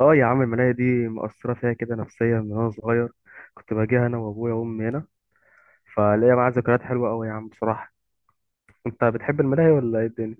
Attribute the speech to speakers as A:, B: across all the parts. A: اه يا عم، المناية دي مأثرة فيها كده نفسيا من وانا صغير. كنت باجيها انا وابويا وامي هنا. فليا معاها ذكريات حلوة قوي يا عم بصراحة. انت بتحب الملاهي ولا ايه الدنيا؟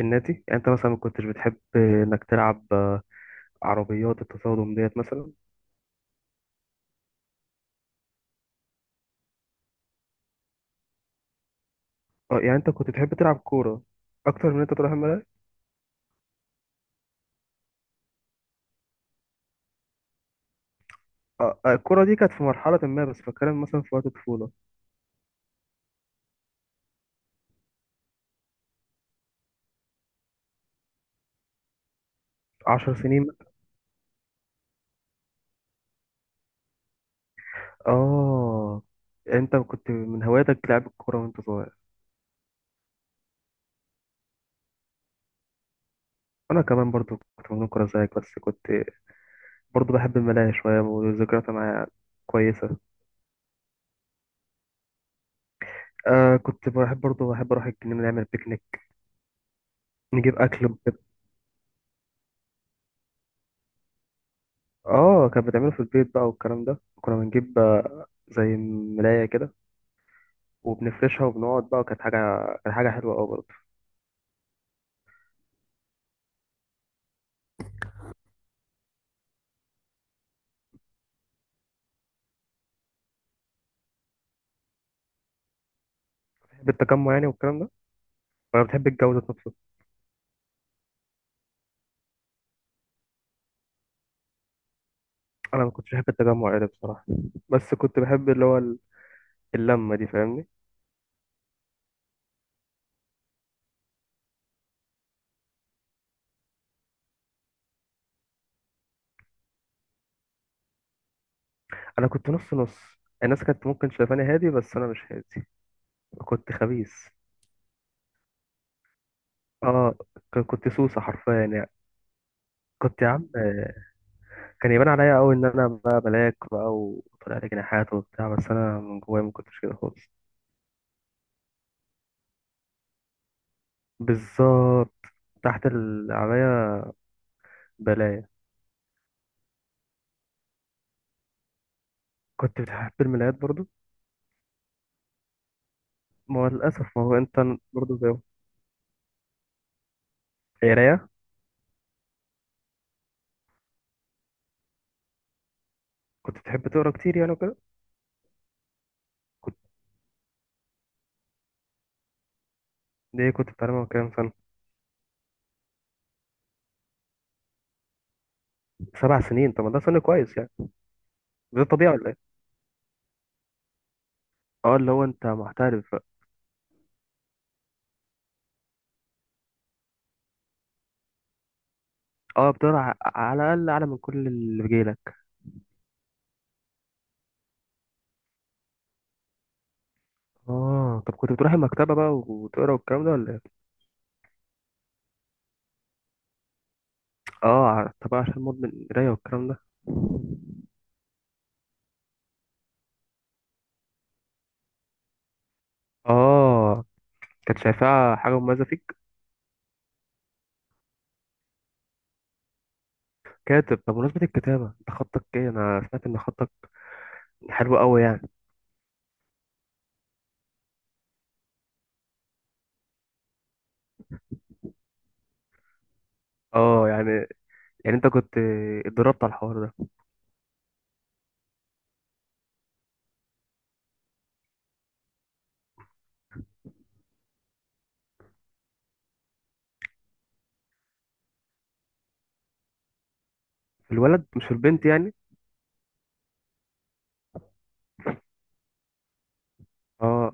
A: الناتي، يعني انت مثلا ما كنتش بتحب انك تلعب عربيات التصادم ديت مثلا؟ اه يعني انت كنت بتحب تلعب كورة اكتر من انت تروح الملاهي. اه، الكورة دي كانت في مرحلة ما، بس بتكلم مثلا في وقت الطفولة. 10 سنين. اه، انت كنت من هواياتك لعب الكورة وانت صغير. انا كمان برضو كنت مجنون كورة زيك، بس كنت برضه بحب الملاهي شوية وذكرياتها معايا كويسة. آه كنت بحب، برضه بحب أروح الجنينة نعمل بيكنيك، نجيب أكل وكده. آه كان بتعمله في البيت بقى والكلام ده، كنا بنجيب زي ملاية كده، وبنفرشها وبنقعد بقى، وكانت حاجة كانت حاجة حلوة أوي برضه. بتحب التجمع يعني والكلام ده، ولا بتحب الجو ذات نفسه؟ أنا ما كنتش بحب التجمع يعني بصراحة، بس كنت بحب اللي هو اللمة دي، فاهمني؟ أنا كنت نص نص. الناس كانت ممكن شايفاني هادي، بس أنا مش هادي، كنت خبيث. آه، كنت سوسة حرفيا يعني. كنت يا عم، كان يبان عليا قوي ان انا بقى ملاك بقى وطلع لي جناحات وبتاع، بس انا من جوايا ما كنتش كده خالص. بالظبط، تحت عليا بلايا. كنت بتحب الملايات برضو. ما هو للاسف، ما هو انت. برضو زي قرايه. كنت بتحب تقرا كتير يعني وكده. كنت. ليه، كنت بتعلمها كام سنه؟ 7 سنين، طب ما ده سن كويس يعني. ده طبيعي ولا ايه؟ اه، اللي هو انت محترف بقى. اه، بتقرا على الاقل اعلى من كل اللي بيجيلك. اه، طب كنت بتروح المكتبه بقى وتقرا والكلام ده ولا ايه؟ اه، طبعا، عشان مدمن قراية والكلام ده. اه، كانت شايفاها حاجة مميزة فيك. كاتب؟ طب بمناسبة الكتابة، انت خطك ايه؟ انا سمعت ان خطك حلو قوي يعني. اه يعني، انت كنت اتدربت على الحوار ده. في الولد مش في البنت يعني. اه،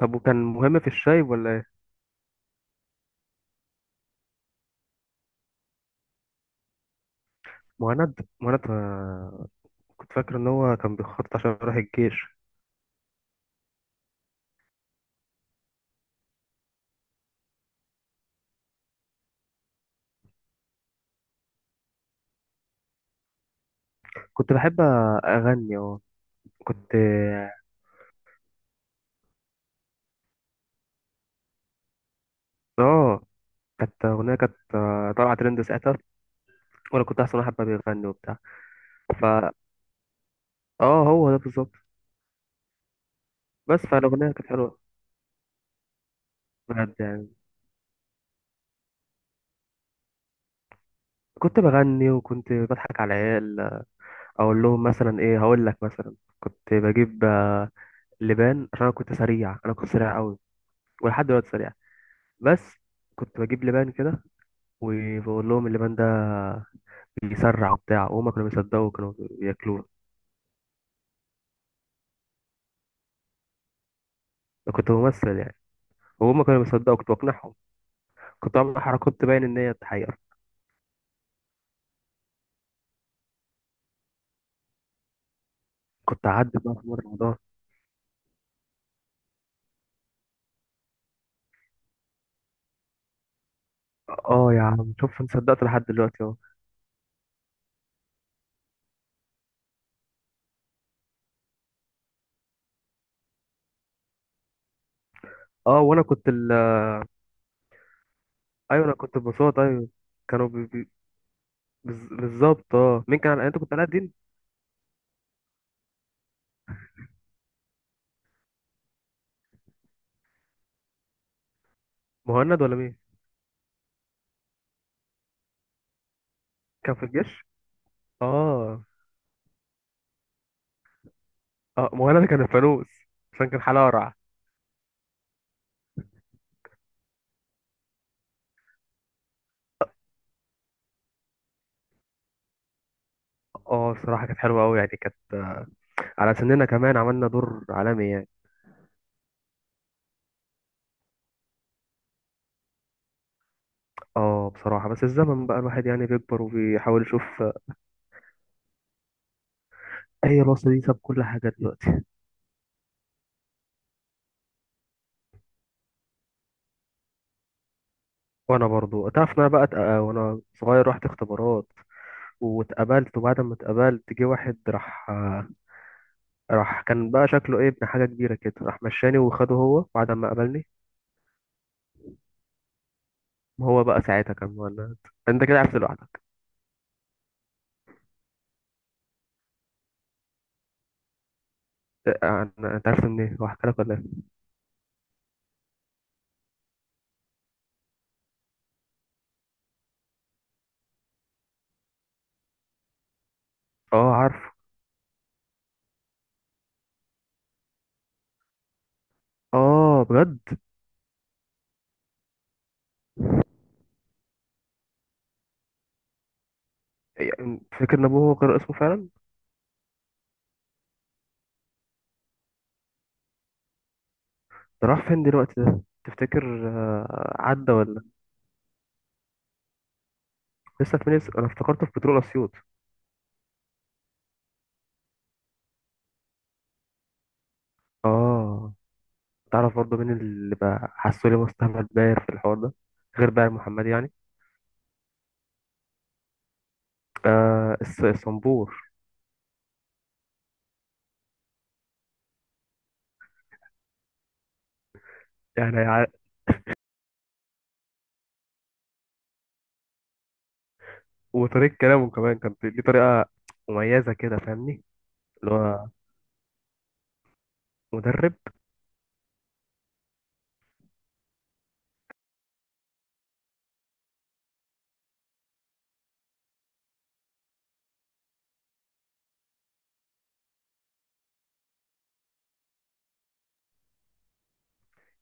A: طب وكان مهم في الشاي ولا ايه؟ مهند. مهند، كنت فاكر ان هو كان بيخطط عشان يروح الجيش. كنت بحب اغني اه. كنت. اه، كانت اغنية، كانت آه، طالعة ترند ساعتها، وانا كنت احسن واحد بقى بيغني وبتاع. فا اه، هو ده بالظبط. بس فالأغنية كانت حلوة بجد يعني. كنت بغني وكنت بضحك على العيال، أقول لهم مثلا إيه. هقول لك مثلا، كنت بجيب لبان، عشان أنا كنت سريع، أنا كنت سريع أوي، ولحد دلوقتي سريع. بس كنت بجيب لبان كده، وبقول لهم اللبان ده بيسرع وبتاع، وهما كانوا بيصدقوا وكانوا بياكلوه. أنا كنت ممثل يعني، وهما كانوا بيصدقوا، كنت بقنعهم. كنت بعمل حركات تبين إن هي حقيقة. كنت أعدي بقى في مرة الموضوع. اه يا عم، شوف انت صدقت لحد دلوقتي اهو. اه، وانا كنت، ايوه، انا كنت ببساطة، ايوه. كانوا بي... بي... بز- بالظبط. اه، مين كان؟ انت كنت علاء الدين؟ مهند ولا مين؟ كان في الجيش، اه. اه، مهند ده كان الفانوس، عشان كان حلقة قرع. اه، بصراحة كانت حلوة قوي يعني، كانت على سننا كمان، عملنا دور عالمي يعني. اه بصراحة، بس الزمن بقى الواحد يعني بيكبر، وبيحاول يشوف. هي الوصلة دي ساب كل حاجة دلوقتي. وانا برضو تعرف ان انا بقى وانا صغير رحت اختبارات، واتقابلت. وبعد ما اتقابلت، جه واحد راح كان بقى شكله ايه، ابن حاجة كبيرة كده، راح مشاني وخده هو بعد ما قابلني. هو بقى ساعتها كان مولد. انت كده عرفت لوحدك. إيه، انت عرفت منين؟ هو حكى لك ولا ايه؟ اه عارف. اه بجد يعني، فاكر ان ابوه هو كان اسمه فعلا. ده راح فين دلوقتي ده؟ تفتكر عدى ولا؟ لسه في ناس. انا افتكرته في بترول اسيوط. اه، تعرف برضه مين اللي بقى حاسه لي مستعمل باير في الحوار ده، غير بقى محمد يعني؟ آه، الصنبور. يعني وطريقة كلامه كمان، كانت ليه طريقة مميزة كده، فاهمني؟ اللي هو مدرب.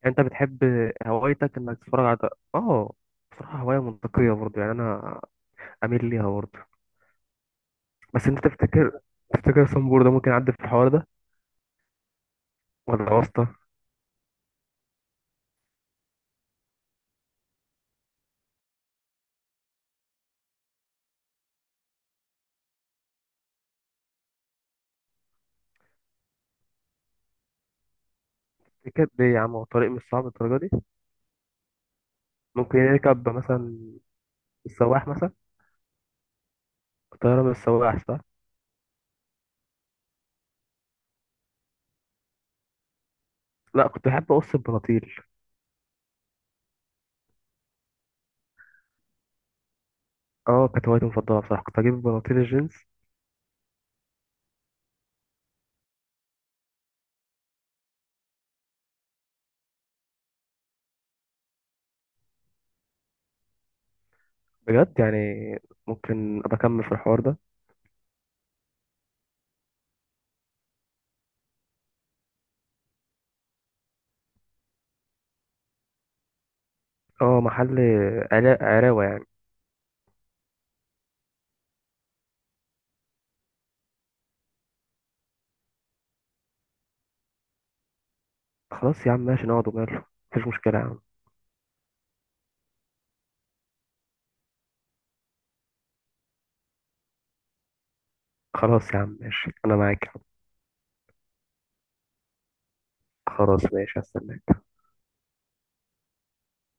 A: يعني انت بتحب، هوايتك انك تتفرج على ده. اه، بصراحة هواية منطقية برضه يعني، انا اميل ليها برضه. بس انت تفتكر، صنبور ده ممكن يعدي في الحوار ده ولا واسطة؟ تفتكر ليه يا عم؟ هو الطريق مش صعب الدرجة دي. ممكن يركب مثلا السواح مثلا، الطيارة من السواح صح. لا، كنت بحب اقص البناطيل. اه، كانت هوايتي المفضلة بصراحة، كنت اجيب بناطيل الجينز. بجد يعني، ممكن ابقى اكمل في الحوار ده. اه محل، عراوة يعني. خلاص يا عم ماشي، نقعد وماله. مفيش مشكلة يا عم. خلاص يا عم ماشي، أنا معاك يا عم. خلاص ماشي، هستناك.